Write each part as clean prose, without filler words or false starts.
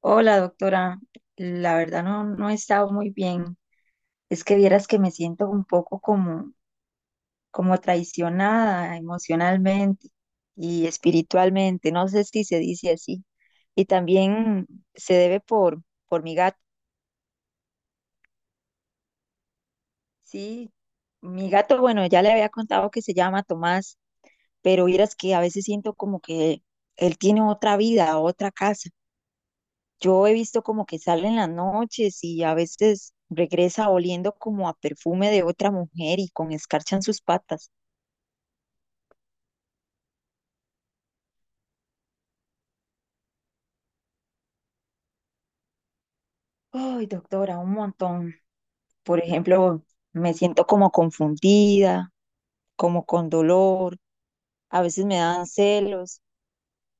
Hola, doctora. La verdad no he estado muy bien. Es que vieras que me siento un poco como, como traicionada emocionalmente y espiritualmente. No sé si se dice así. Y también se debe por mi gato. Sí, mi gato, bueno, ya le había contado que se llama Tomás, pero vieras que a veces siento como que él tiene otra vida, otra casa. Yo he visto como que sale en las noches y a veces regresa oliendo como a perfume de otra mujer y con escarcha en sus patas. Ay, doctora, un montón. Por ejemplo, me siento como confundida, como con dolor, a veces me dan celos.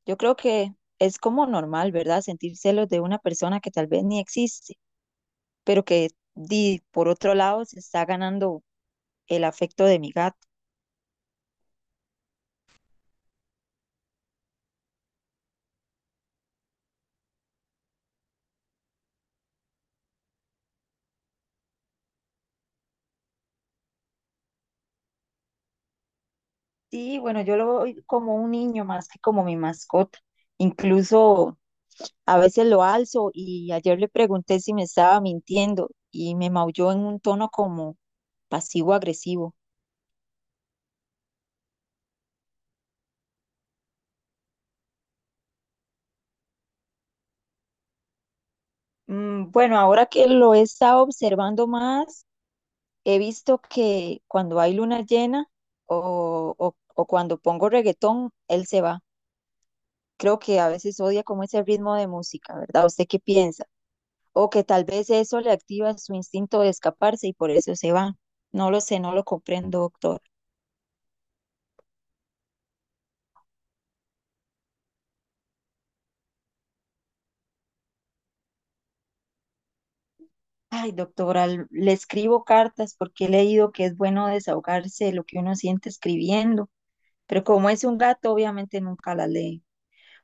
Yo creo que es como normal, ¿verdad? Sentir celos de una persona que tal vez ni existe, pero que por otro lado se está ganando el afecto de mi gato. Sí, bueno, yo lo veo como un niño más que como mi mascota. Incluso a veces lo alzo y ayer le pregunté si me estaba mintiendo y me maulló en un tono como pasivo-agresivo. Mm, bueno, ahora que lo he estado observando más, he visto que cuando hay luna llena o cuando pongo reggaetón, él se va. Creo que a veces odia como ese ritmo de música, ¿verdad? ¿Usted qué piensa? O que tal vez eso le activa su instinto de escaparse y por eso se va. No lo sé, no lo comprendo, doctor. Ay, doctora, le escribo cartas porque he leído que es bueno desahogarse de lo que uno siente escribiendo, pero como es un gato, obviamente nunca la lee.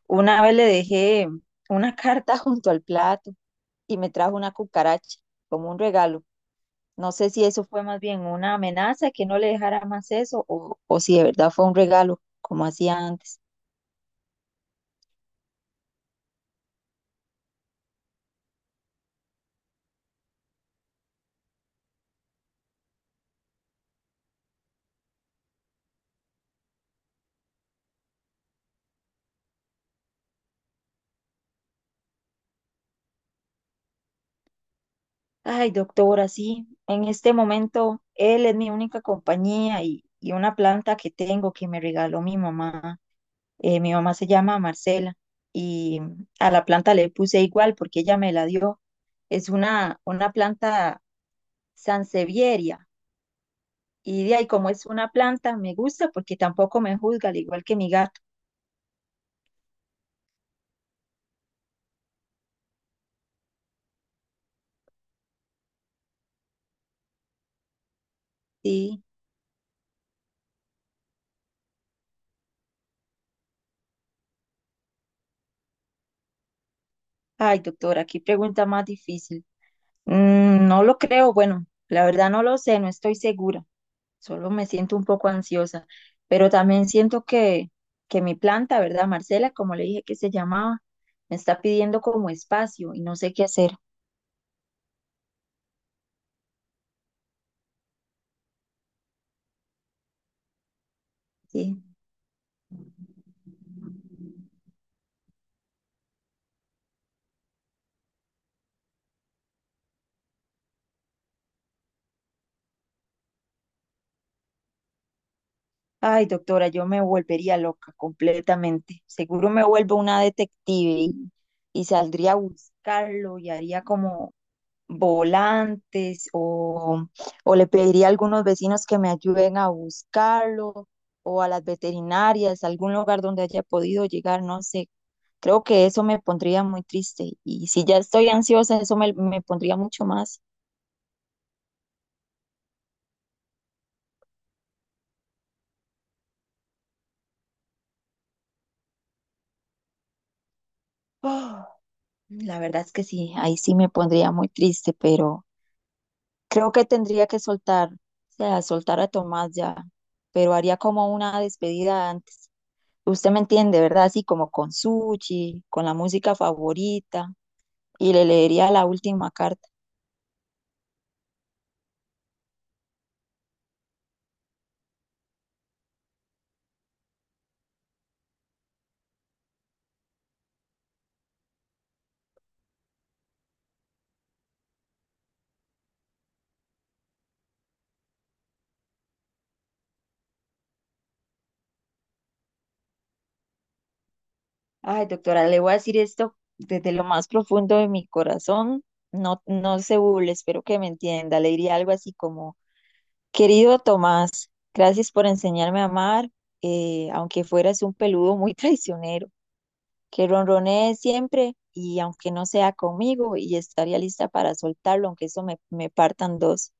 Una vez le dejé una carta junto al plato y me trajo una cucaracha como un regalo. No sé si eso fue más bien una amenaza que no le dejara más eso o si de verdad fue un regalo, como hacía antes. Ay, doctora, sí, en este momento él es mi única compañía y una planta que tengo que me regaló mi mamá. Mi mamá se llama Marcela y a la planta le puse igual porque ella me la dio. Es una planta sansevieria y de ahí como es una planta me gusta porque tampoco me juzga, al igual que mi gato. Sí, ay, doctora, qué pregunta más difícil. Mm, no lo creo, bueno, la verdad no lo sé, no estoy segura. Solo me siento un poco ansiosa, pero también siento que mi planta, ¿verdad, Marcela? Como le dije que se llamaba, me está pidiendo como espacio y no sé qué hacer, ¿sí? Ay, doctora, yo me volvería loca completamente. Seguro me vuelvo una detective y saldría a buscarlo y haría como volantes o le pediría a algunos vecinos que me ayuden a buscarlo o a las veterinarias, algún lugar donde haya podido llegar, no sé. Creo que eso me pondría muy triste y si ya estoy ansiosa, me pondría mucho más. Oh, la verdad es que sí, ahí sí me pondría muy triste, pero creo que tendría que soltar, o sea, soltar a Tomás ya, pero haría como una despedida antes. Usted me entiende, ¿verdad? Así como con sushi, con la música favorita, y le leería la última carta. Ay, doctora, le voy a decir esto desde lo más profundo de mi corazón. No se burle, espero que me entienda. Le diría algo así como, querido Tomás, gracias por enseñarme a amar, aunque fueras un peludo muy traicionero, que ronronee siempre y aunque no sea conmigo, y estaría lista para soltarlo, aunque me partan dos.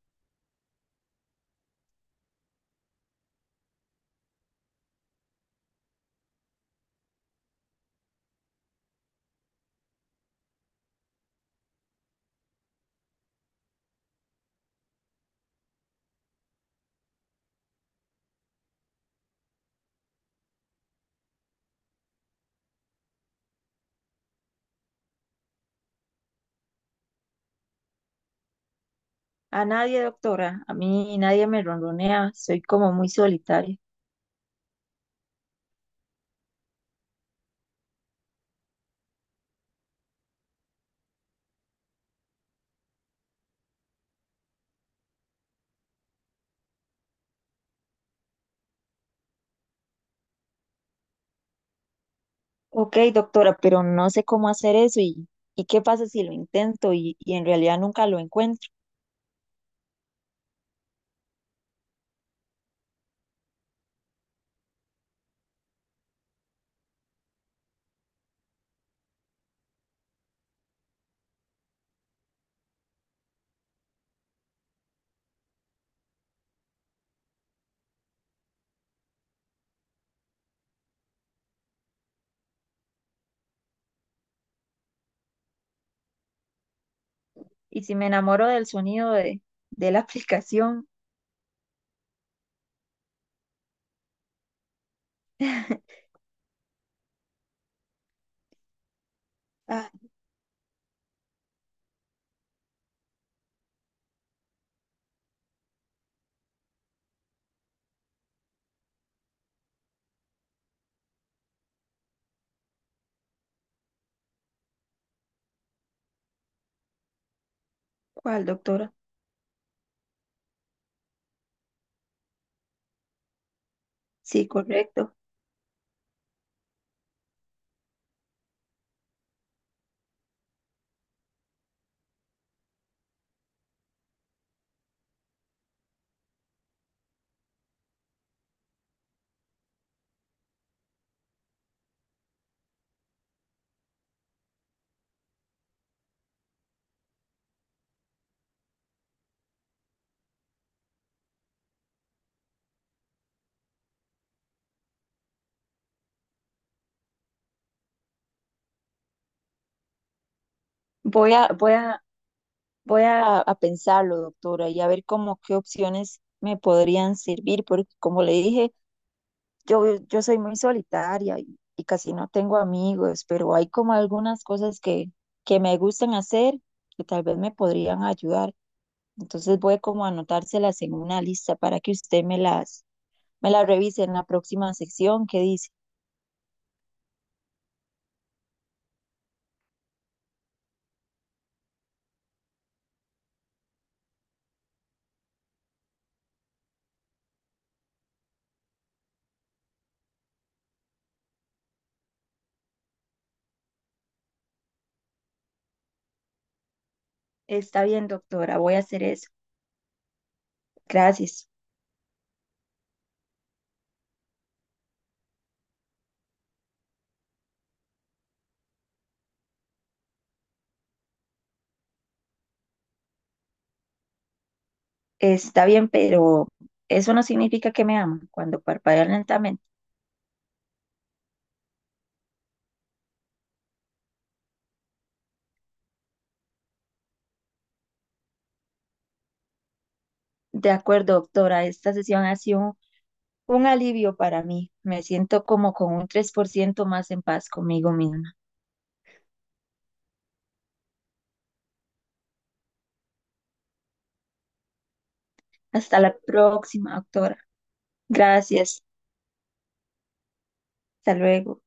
A nadie, doctora. A mí nadie me ronronea. Soy como muy solitaria. Ok, doctora, pero no sé cómo hacer eso y qué pasa si lo intento y en realidad nunca lo encuentro. Y si me enamoro del sonido de la aplicación. Ah, ¿cuál, doctora? Sí, correcto. Voy a, voy a, voy a pensarlo, doctora, y a ver cómo qué opciones me podrían servir, porque como le dije, yo soy muy solitaria y casi no tengo amigos, pero hay como algunas cosas que me gustan hacer que tal vez me podrían ayudar. Entonces voy como a anotárselas en una lista para que usted me las revise en la próxima sección que dice, está bien, doctora, voy a hacer eso. Gracias. Está bien, pero eso no significa que me aman cuando parpadean lentamente. De acuerdo, doctora, esta sesión ha sido un alivio para mí. Me siento como con un 3% más en paz conmigo misma. Hasta la próxima, doctora. Gracias. Hasta luego.